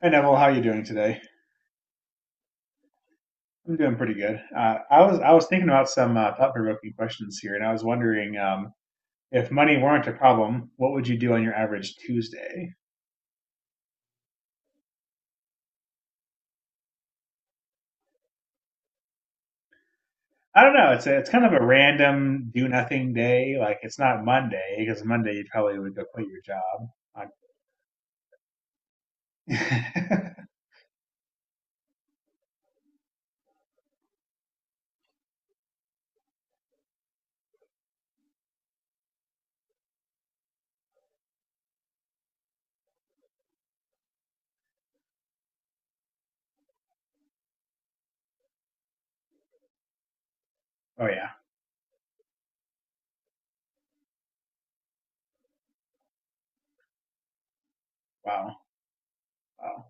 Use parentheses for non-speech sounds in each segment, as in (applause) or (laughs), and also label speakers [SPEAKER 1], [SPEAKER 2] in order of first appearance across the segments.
[SPEAKER 1] Hey Neville, how are you doing today? I'm doing pretty good. I was thinking about some thought-provoking questions here, and I was wondering if money weren't a problem, what would you do on your average Tuesday? I don't know. It's kind of a random do nothing day. Like it's not Monday because Monday you probably would go quit your job. Like, (laughs) oh yeah, wow, wow,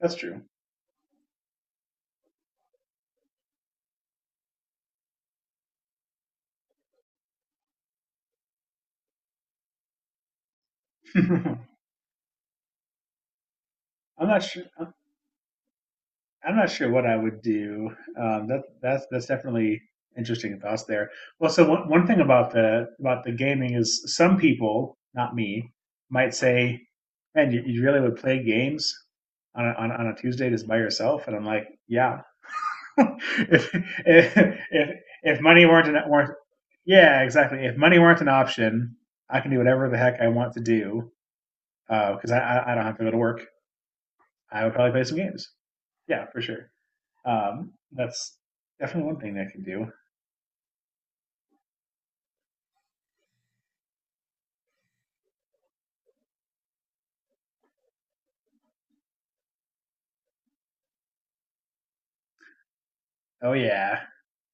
[SPEAKER 1] that's true. (laughs) I'm not sure. I'm not sure what I would do. That's definitely interesting thoughts there. Well, so one thing about the gaming is some people, not me, might say, "Man, you really would play games on on a Tuesday just by yourself?" And I'm like, "Yeah, (laughs) if, if if if money weren't yeah exactly if money weren't an option, I can do whatever the heck I want to do because I don't have to go to work. I would probably play some games. Yeah, for sure." That's definitely one thing that I could do. Oh yeah,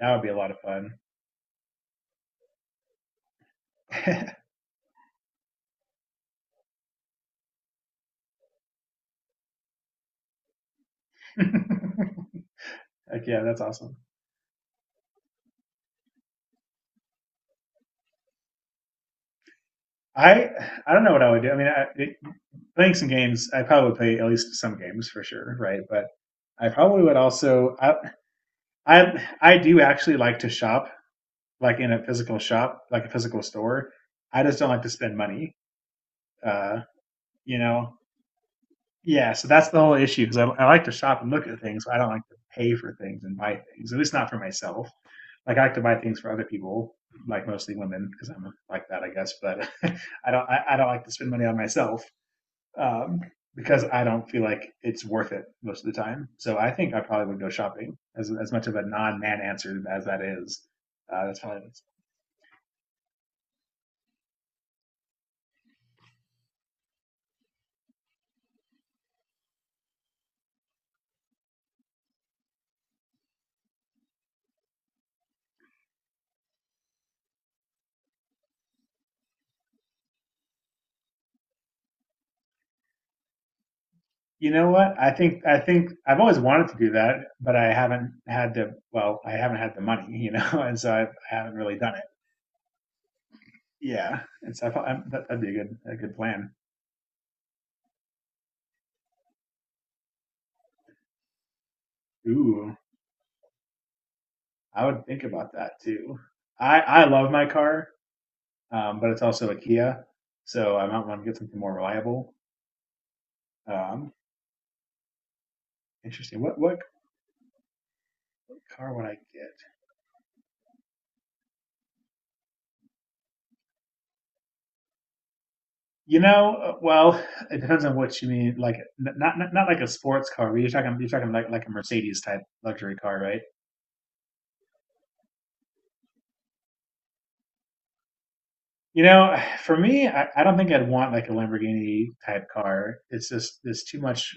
[SPEAKER 1] that would be a lot of fun. (laughs) Like yeah, that's awesome. I I don't know what I would do. I mean, playing some games, I probably would play at least some games for sure, right? But I probably would also I do actually like to shop, like in a physical shop, like a physical store. I just don't like to spend money. Uh, you know, yeah. So that's the whole issue because I like to shop and look at things. But I don't like to pay for things and buy things, at least not for myself. Like I like to buy things for other people, like mostly women, because I'm like that, I guess. But (laughs) I don't like to spend money on myself um, because I don't feel like it's worth it most of the time. So I think I probably would go shopping, as much of a non-man answer as that is. That's probably you know what I think. I think I've always wanted to do that, but I haven't had the well, I haven't had the money, (laughs) and so I haven't really done it. Yeah, and so I thought that'd be a good plan. Ooh, I would think about that too. I love my car, but it's also a Kia, so I might want to get something more reliable. Um, interesting. What car would I get? You know, uh, well, it depends on what you mean. Like not like a sports car, but you're talking like a Mercedes type luxury car, right? You know, (sighs) for me, I don't think I'd want like a Lamborghini type car. It's just there's too much.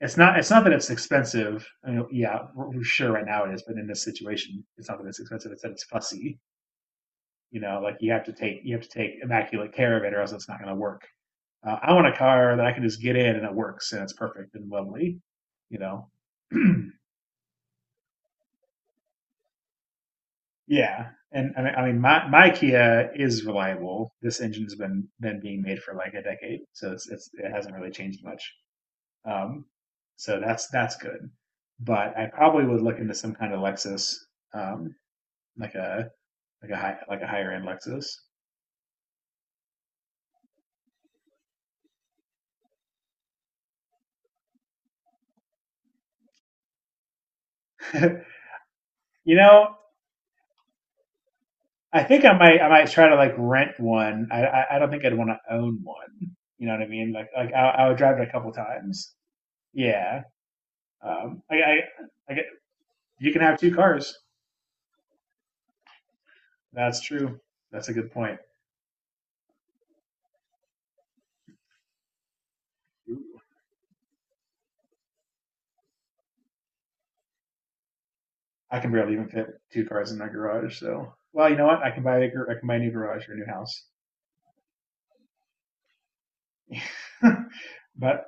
[SPEAKER 1] It's not. It's not that it's expensive. I mean, yeah, we're sure right now it is, but in this situation, it's not that it's expensive. It's that it's fussy. You know, like you have to take immaculate care of it, or else it's not going to work. I want a car that I can just get in and it works and it's perfect and lovely. You know, (clears throat) yeah. And I mean, my my Kia is reliable. This engine's been being made for like a decade, so it's it hasn't really changed much. Um, so that's good. But I probably would look into some kind of Lexus um, like a like a high like a higher end Lexus. (laughs) You know, I think I might try to like rent one. I don't think I'd want to own one. You know what I mean? Like I would drive it a couple times. Yeah. Um. I, I I get you can have two cars. That's true. That's a good point. I can barely even fit two cars in my garage. So well, you know what? I can buy a new garage or a new house. (laughs) But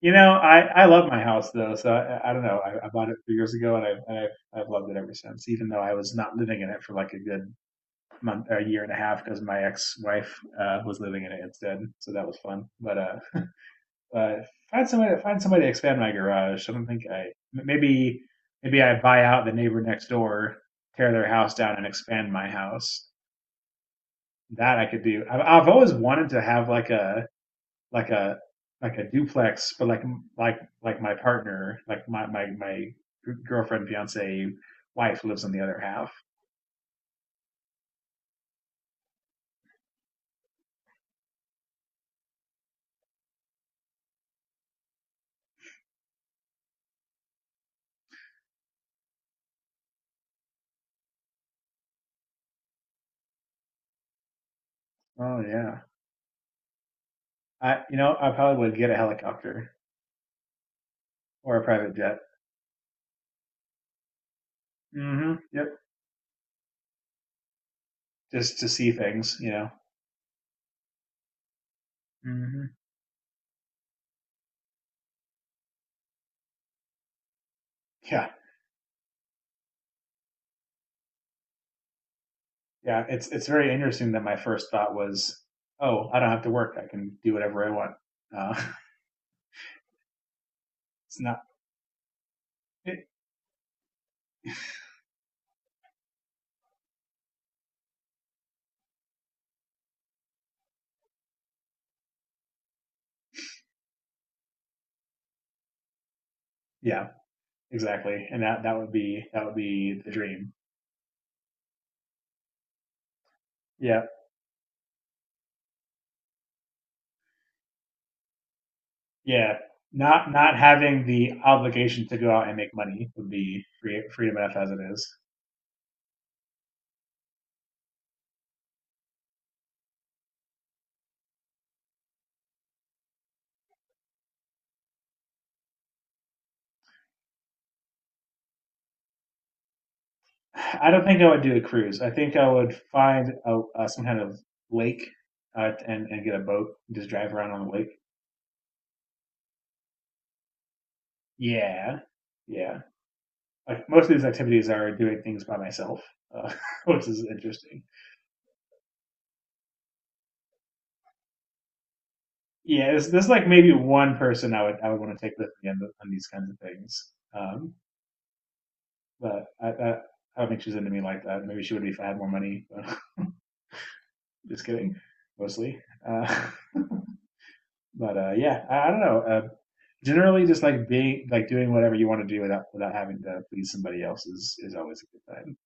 [SPEAKER 1] you know, I love my house though, so I don't know. I bought it 3 years ago, and I've I've loved it ever since. Even though I was not living in it for like a good month, a year and a half, because my ex-wife was living in it instead, so that was fun. But uh, find somebody to expand my garage. I don't think I maybe maybe I buy out the neighbor next door, tear their house down, and expand my house. That I could do. I've always wanted to have like a like a like a duplex, but like like my partner, like my girlfriend, fiance, wife lives on the other half. Oh yeah, I you know I probably would get a helicopter or a private jet. Hmm. Yep, just to see things, you know. Hmm. Yeah, yeah. It's very interesting that my first thought was, oh, I don't have to work. I can do whatever I want. Uh, (laughs) it's not. It, yeah, exactly. And that would be that would be the dream. Yeah. Yeah, not not having the obligation to go out and make money would be free, freedom enough as it is. I don't think I would do a cruise. I think I would find some kind of lake and get a boat and just drive around on the lake. Yeah, yeah. Like most of these activities are doing things by myself, uh, (laughs) which is interesting. Yeah, there's like maybe one person I would want to take with me on, the, on these kinds of things. But I don't think she's into me like that. Maybe she would be if I had more money. (laughs) Just kidding, mostly. Uh, (laughs) but yeah, I don't know. Generally, just like being like doing whatever you want to do without having to please somebody else is always a good time.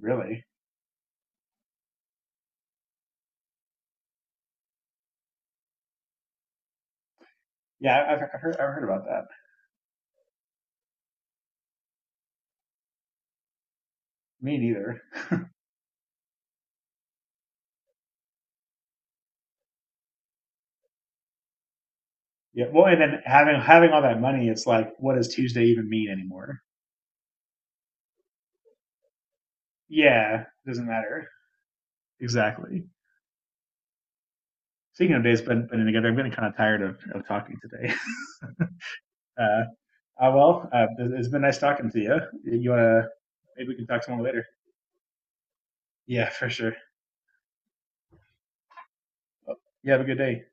[SPEAKER 1] Really? Yeah, I've heard about that. Me neither. Yeah. Well, and then having all that money, it's like, what does Tuesday even mean anymore? Yeah, doesn't matter. Exactly. Speaking of days, been together. I am getting kind of tired of talking today. (laughs) Uh, Uh, well, uh, it's been nice talking to you. You wanna maybe we can talk some more later. Yeah, for sure. You have a good day.